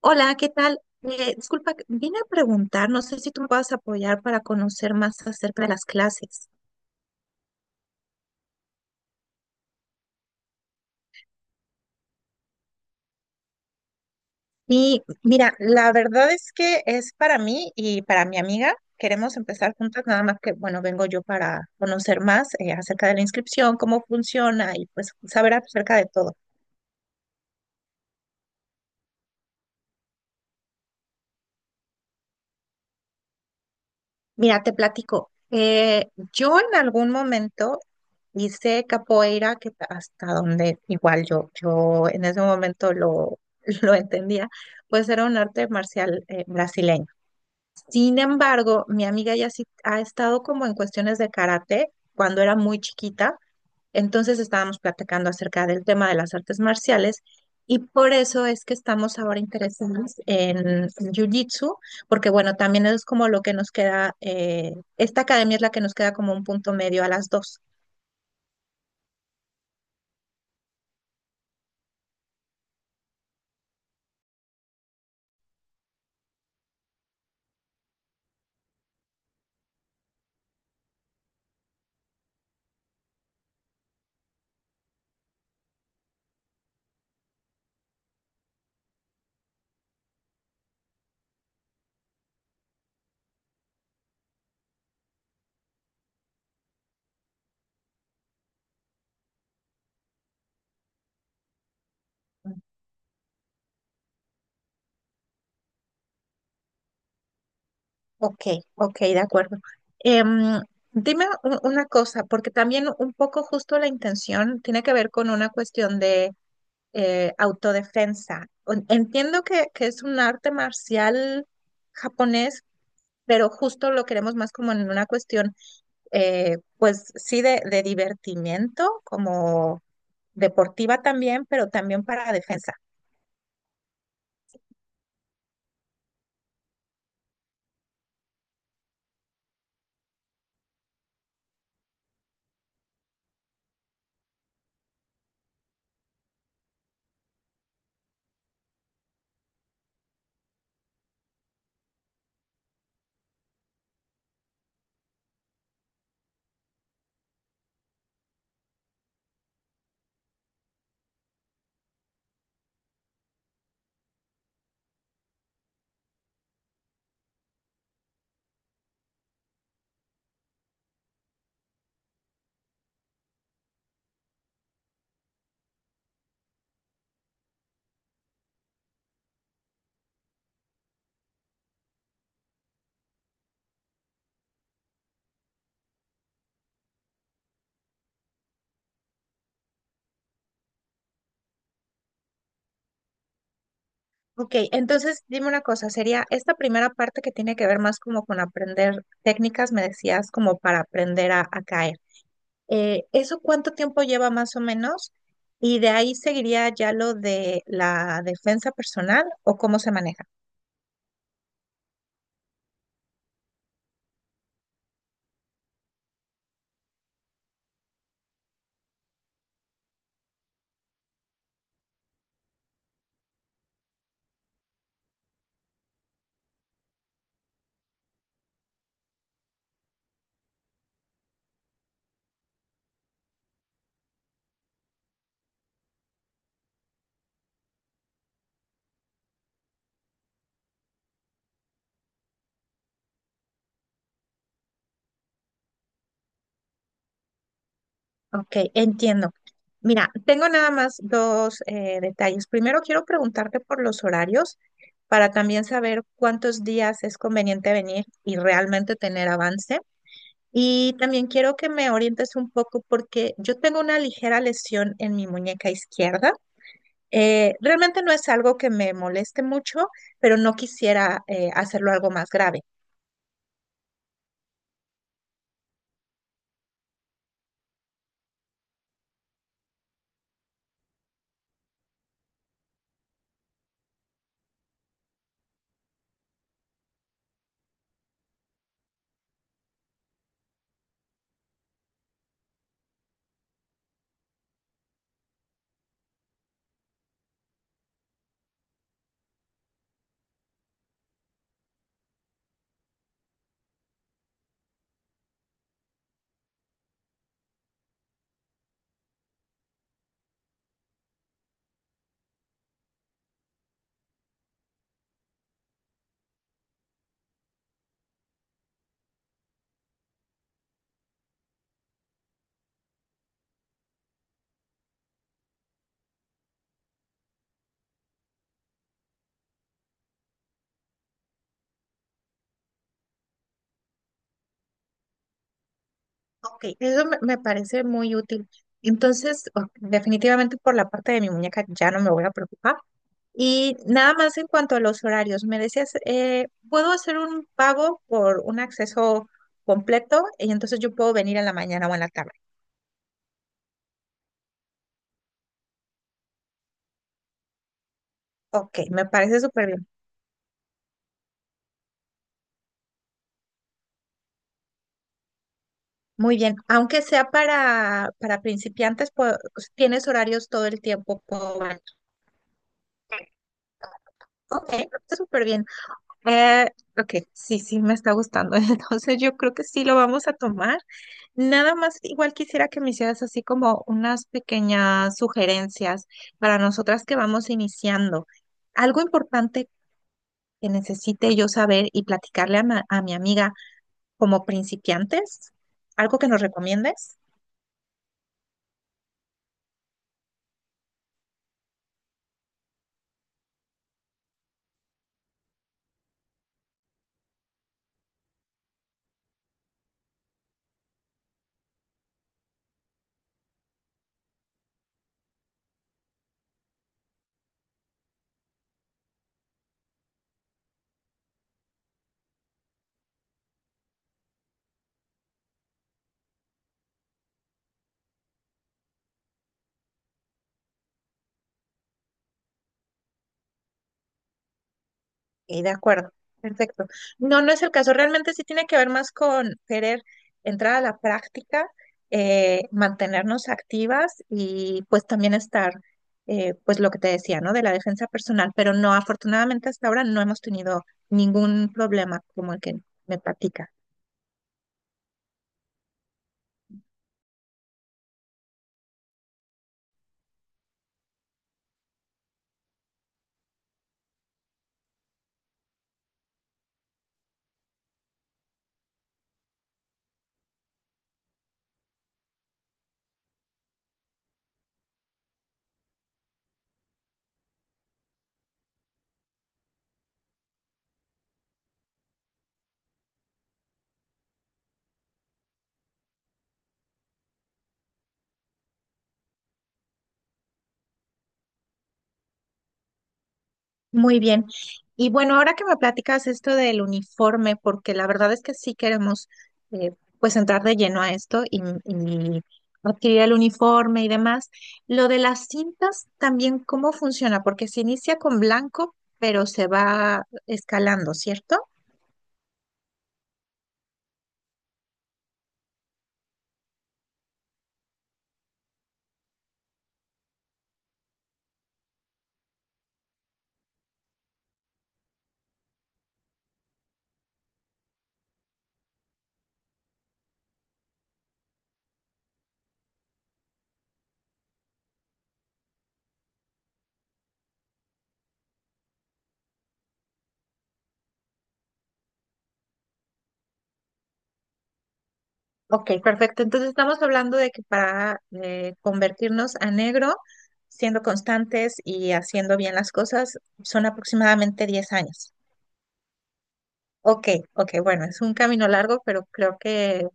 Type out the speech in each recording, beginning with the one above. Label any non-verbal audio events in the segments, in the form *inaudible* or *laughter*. Hola, ¿qué tal? Disculpa, vine a preguntar, no sé si tú me puedas apoyar para conocer más acerca de las clases. Y mira, la verdad es que es para mí y para mi amiga. Queremos empezar juntas, nada más que, bueno, vengo yo para conocer más acerca de la inscripción, cómo funciona y pues saber acerca de todo. Mira, te platico. Yo en algún momento hice capoeira, que hasta donde igual yo en ese momento *laughs* lo entendía, pues era un arte marcial brasileño. Sin embargo, mi amiga ya sí ha estado como en cuestiones de karate cuando era muy chiquita. Entonces estábamos platicando acerca del tema de las artes marciales y por eso es que estamos ahora interesados en Jiu-Jitsu, porque bueno, también es como lo que nos queda, esta academia es la que nos queda como un punto medio a las dos. Ok, ok, de acuerdo. Em, dime una cosa, porque también un poco justo la intención tiene que ver con una cuestión de autodefensa. Entiendo que es un arte marcial japonés, pero justo lo queremos más como en una cuestión, pues sí, de divertimiento, como deportiva también, pero también para defensa. Ok, entonces dime una cosa, sería esta primera parte que tiene que ver más como con aprender técnicas, me decías, como para aprender a caer. ¿Eso cuánto tiempo lleva más o menos? Y de ahí seguiría ya lo de la defensa personal o cómo se maneja. Ok, entiendo. Mira, tengo nada más dos detalles. Primero, quiero preguntarte por los horarios para también saber cuántos días es conveniente venir y realmente tener avance. Y también quiero que me orientes un poco porque yo tengo una ligera lesión en mi muñeca izquierda. Realmente no es algo que me moleste mucho, pero no quisiera hacerlo algo más grave. Ok, me parece muy útil. Entonces, definitivamente por la parte de mi muñeca ya no me voy a preocupar. Y nada más en cuanto a los horarios, me decías, ¿puedo hacer un pago por un acceso completo? Y entonces yo puedo venir en la mañana o en la tarde. Ok, me parece súper bien. Muy bien, aunque sea para principiantes, pues, tienes horarios todo el tiempo. Puedo venir. Ok, ok, está súper bien. Eh, ok, sí, sí, me está gustando. *laughs* Entonces yo creo que sí lo vamos a tomar. Nada más, igual quisiera que me hicieras así como unas pequeñas sugerencias para nosotras que vamos iniciando. Algo importante que necesite yo saber y platicarle a, a mi amiga como principiantes, algo que nos recomiendes. Y de acuerdo, perfecto. No, no es el caso. Realmente sí tiene que ver más con querer entrar a la práctica, mantenernos activas y pues también estar, pues lo que te decía, ¿no? De la defensa personal. Pero no, afortunadamente hasta ahora no hemos tenido ningún problema como el que me platicas. Muy bien. Y bueno, ahora que me platicas esto del uniforme, porque la verdad es que sí queremos eh, pues entrar de lleno a esto y adquirir el uniforme y demás. Lo de las cintas también, ¿cómo funciona? Porque se inicia con blanco, pero se va escalando, ¿cierto? Ok, perfecto. Entonces estamos hablando de que para convertirnos a negro, siendo constantes y haciendo bien las cosas, son aproximadamente 10 años. Ok, ok, bueno, es un camino largo, pero creo que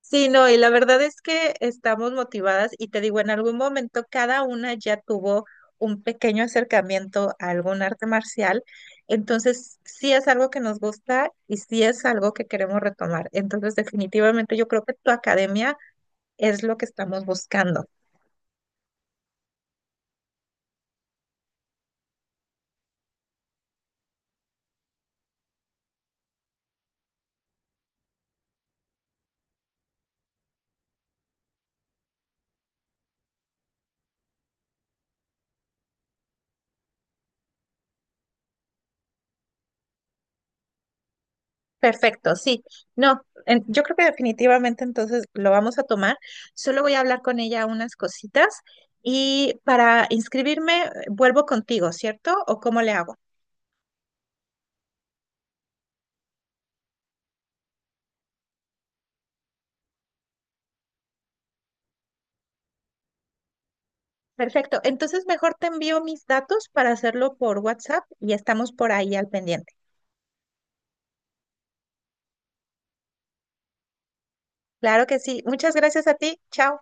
sí. No, y la verdad es que estamos motivadas y te digo, en algún momento cada una ya tuvo un pequeño acercamiento a algún arte marcial, entonces sí es algo que nos gusta y sí es algo que queremos retomar. Entonces definitivamente yo creo que tu academia es lo que estamos buscando. Perfecto, sí. No, yo creo que definitivamente entonces lo vamos a tomar. Solo voy a hablar con ella unas cositas y para inscribirme vuelvo contigo, ¿cierto? ¿O cómo le hago? Perfecto. Entonces mejor te envío mis datos para hacerlo por WhatsApp y estamos por ahí al pendiente. Claro que sí. Muchas gracias a ti. Chao.